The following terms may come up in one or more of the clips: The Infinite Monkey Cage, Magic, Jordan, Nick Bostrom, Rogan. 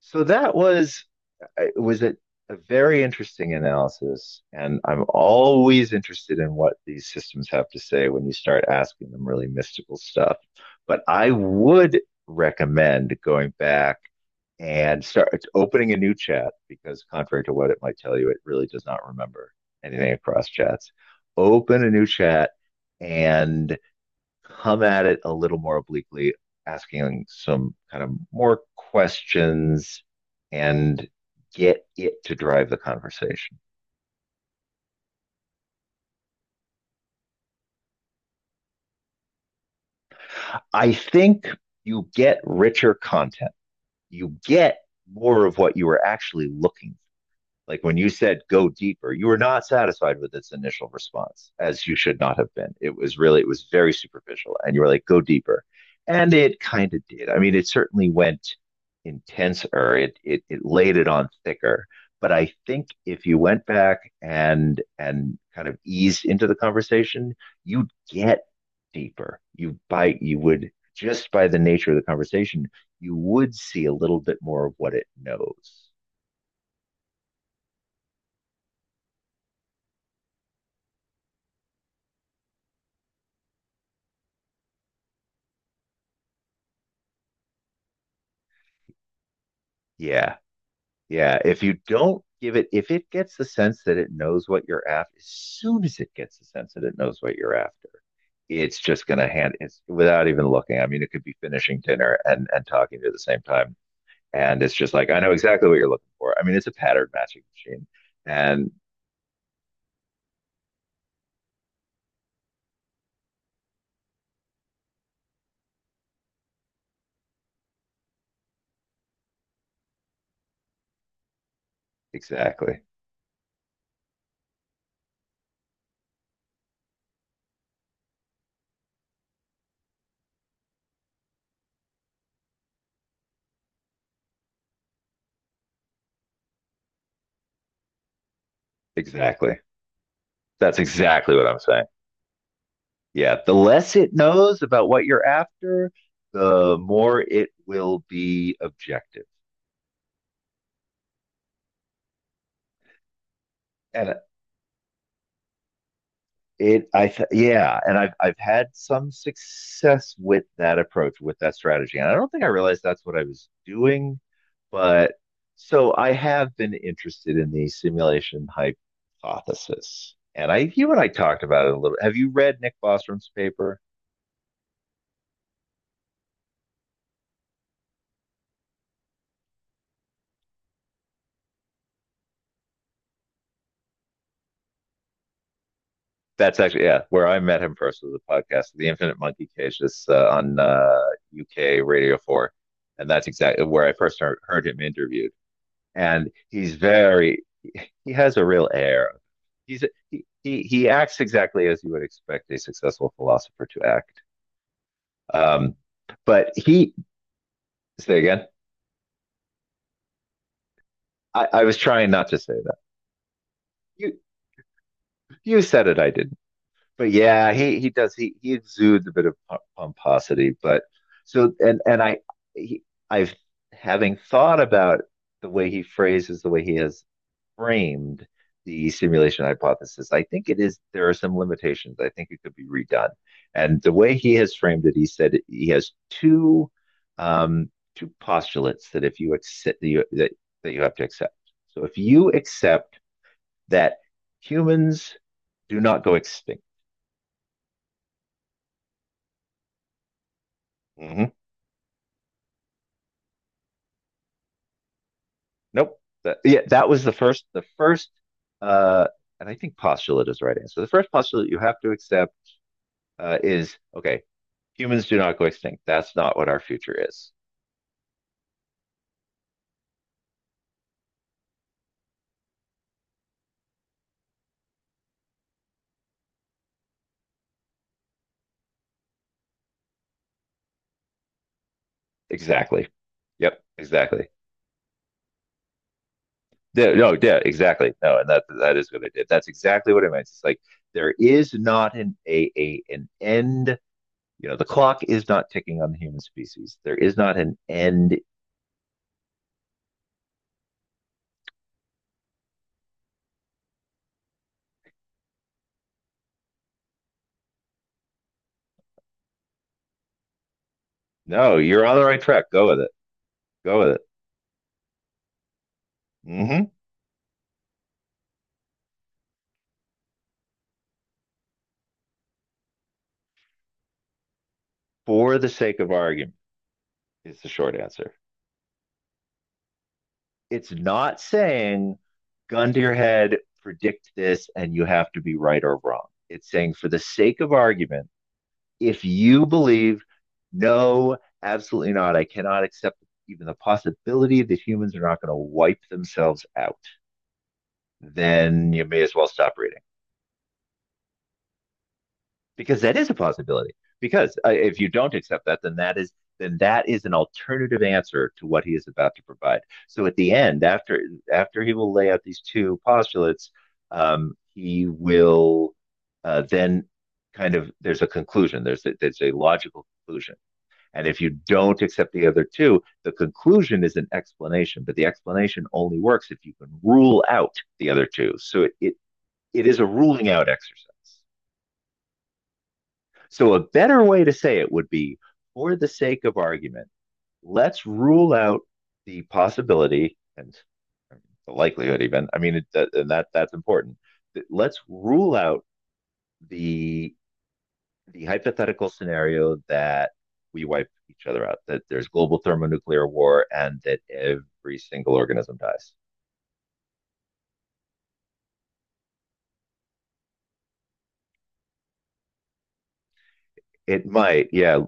So that was it was a, a very interesting analysis, and I'm always interested in what these systems have to say when you start asking them really mystical stuff. But I would recommend going back and start opening a new chat because, contrary to what it might tell you, it really does not remember anything across chats. Open a new chat and come at it a little more obliquely, asking some kind of more questions and get it to drive the conversation. I think you get richer content. You get more of what you were actually looking. Like when you said go deeper, you were not satisfied with its initial response, as you should not have been. It was really, it was very superficial. And you were like, go deeper. And it kind of did. I mean, it certainly went intenser, it laid it on thicker. But I think if you went back and kind of eased into the conversation, you'd get deeper. You would, just by the nature of the conversation, you would see a little bit more of what it knows. Yeah, Yeah, if you don't give it, if it gets the sense that it knows what you're after, as soon as it gets the sense that it knows what you're after, it's just going to hand it without even looking. I mean, it could be finishing dinner and talking to you at the same time, and it's just like, I know exactly what you're looking for. I mean, it's a pattern matching machine, and exactly, exactly, that's exactly what I'm saying. Yeah, the less it knows about what you're after, the more it will be objective. And yeah, and I've had some success with that approach, with that strategy, and I don't think I realized that's what I was doing, but so I have been interested in the simulation hypothesis, and you and I talked about it a little. Have you read Nick Bostrom's paper? That's actually, yeah, where I met him first was a podcast, The Infinite Monkey Cage, that's on UK Radio Four, and that's exactly where I first heard him interviewed. And he's very. He has a real air. He acts exactly as you would expect a successful philosopher to act. Um, but he, say again. I was trying not to say that. You you said it. I didn't. But yeah, he does he exudes a bit of pomposity. But so and I, he, I've, having thought about the way he phrases the way he has framed the simulation hypothesis, I think it is there are some limitations. I think it could be redone, and the way he has framed it, he said he has two um, two postulates that if you accept that you have to accept. So if you accept that humans do not go extinct. Mm-hmm. Nope. Yeah, that was the first, uh, and I think postulate is the right answer. The first postulate you have to accept, is okay, humans do not go extinct. That's not what our future is. Exactly. Yep. Exactly. Yeah, no, yeah, exactly. No, and that is what I did. That's exactly what I meant. It's like there is not an a an end. You know, the clock is not ticking on the human species. There is not an end. No, you're on the right track. Go with it. Go with it. hmm For the sake of argument, is the short answer. It's not saying, gun to your head, predict this, and you have to be right or wrong. It's saying, for the sake of argument, if you believe, no, absolutely not, I cannot accept even the possibility that humans are not going to wipe themselves out, then you may as well stop reading. Because that is a possibility. Because if you don't accept that, then that is, then that is an alternative answer to what he is about to provide. So at the end, after, after he will lay out these two postulates, he will then, kind of, there's a conclusion. There's a logical conclusion. And if you don't accept the other two, the conclusion is an explanation, but the explanation only works if you can rule out the other two. So it is a ruling out exercise. So, a better way to say it would be, for the sake of argument, let's rule out the possibility and the likelihood, even. I mean, and that that's important. Let's rule out the hypothetical scenario that we wipe each other out, that there's global thermonuclear war, and that every single organism dies. It might, yeah,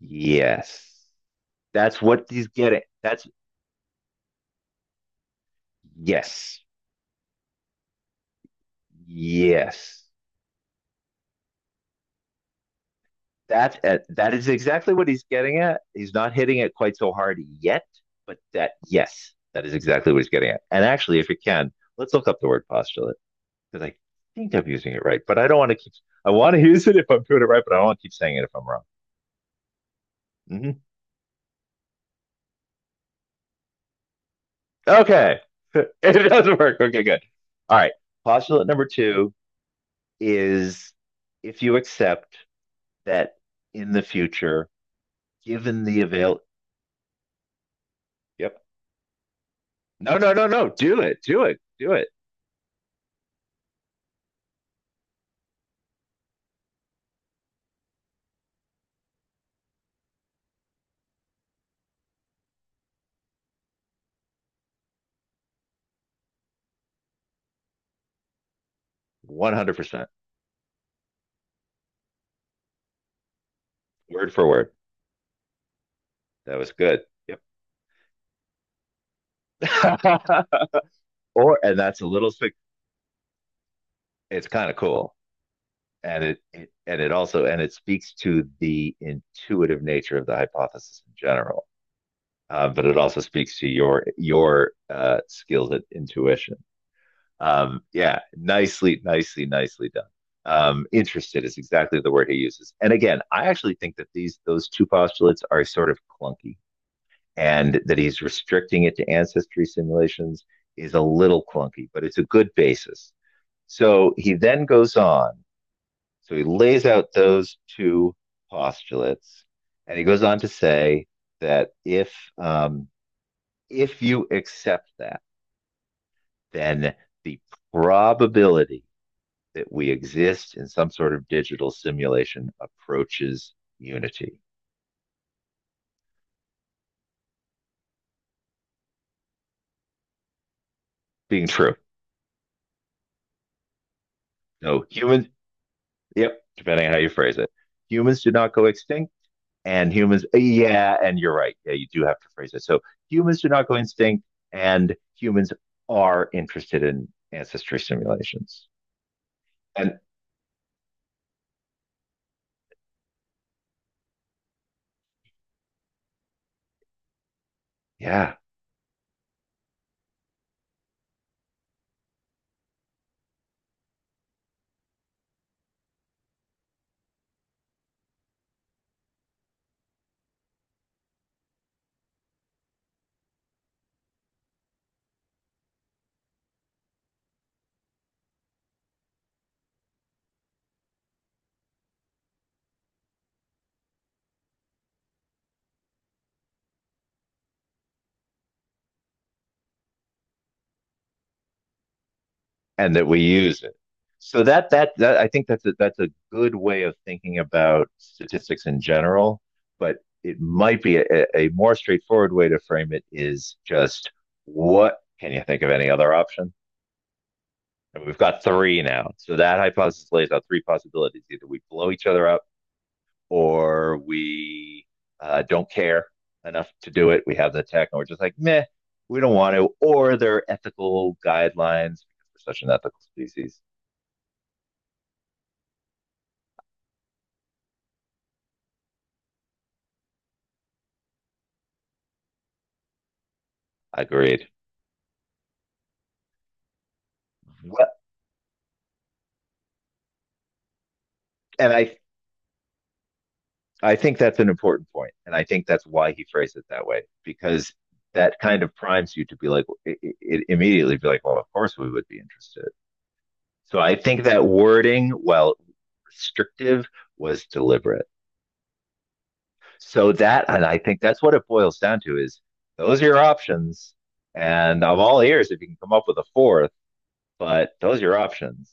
yes. That's what he's getting. That's yes, yes. That, that is exactly what he's getting at. He's not hitting it quite so hard yet, but that, yes, that is exactly what he's getting at. And actually, if you can, let's look up the word postulate because I think I'm using it right, but I don't want to keep. I want to use it if I'm doing it right, but I don't want to keep saying it if I'm wrong. Mm-hmm. Okay, it doesn't work. Okay, good. All right. Postulate number two is, if you accept that in the future, given the avail. Yep. No, no, no, no. Do it. Do it. Do it. 100%. Word for word. That was good. Yep. Or and that's a little, it's kind of cool. And it and it also and it speaks to the intuitive nature of the hypothesis in general. But it also speaks to your skills at intuition. Yeah, nicely done. Interested is exactly the word he uses. And again, I actually think that these those two postulates are sort of clunky, and that he's restricting it to ancestry simulations is a little clunky, but it's a good basis. So he then goes on. So he lays out those two postulates, and he goes on to say that if you accept that, then the probability that we exist in some sort of digital simulation approaches unity, being true. So humans, yep, depending on how you phrase it, humans did not go extinct and humans. Yeah, and you're right. Yeah, you do have to phrase it. So humans do not go extinct, and humans are interested in ancestry simulations, and yeah, and that we use it. So that I think that's that's a good way of thinking about statistics in general, but it might be a more straightforward way to frame it is just, what can you think of any other option? And we've got three now. So that hypothesis lays out three possibilities. Either we blow each other up, or we don't care enough to do it. We have the tech, and we're just like, meh, we don't want to. Or there are ethical guidelines because we're such an ethical species. I Agreed. Well, and I think that's an important point. And I think that's why he phrased it that way, because that kind of primes you to be like, it immediately be like, well, of course we would be interested. So I think that wording, while restrictive, was deliberate. So that, and I think that's what it boils down to is, those are your options. And I'm all ears if you can come up with a fourth, but those are your options.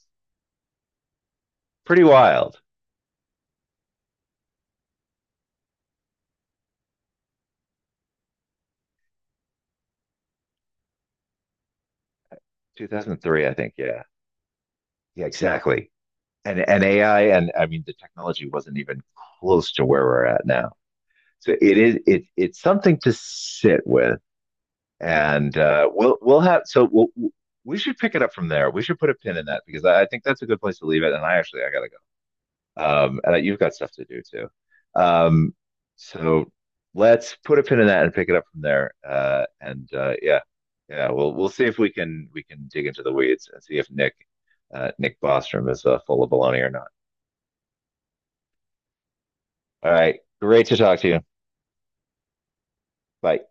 Pretty wild. 2003, I think. Yeah. Yeah, exactly. And, AI, and I mean, the technology wasn't even close to where we're at now. So it is, it's something to sit with. And we'll have, so we'll, we should pick it up from there. We should put a pin in that because I think that's a good place to leave it. And I actually, I got to go. And you've got stuff to do too. Um, so let's put a pin in that and pick it up from there. And yeah, yeah, we'll see if we can, we can dig into the weeds and see if Nick, Nick Bostrom is full of baloney or not. All right, great to talk to you. Bye.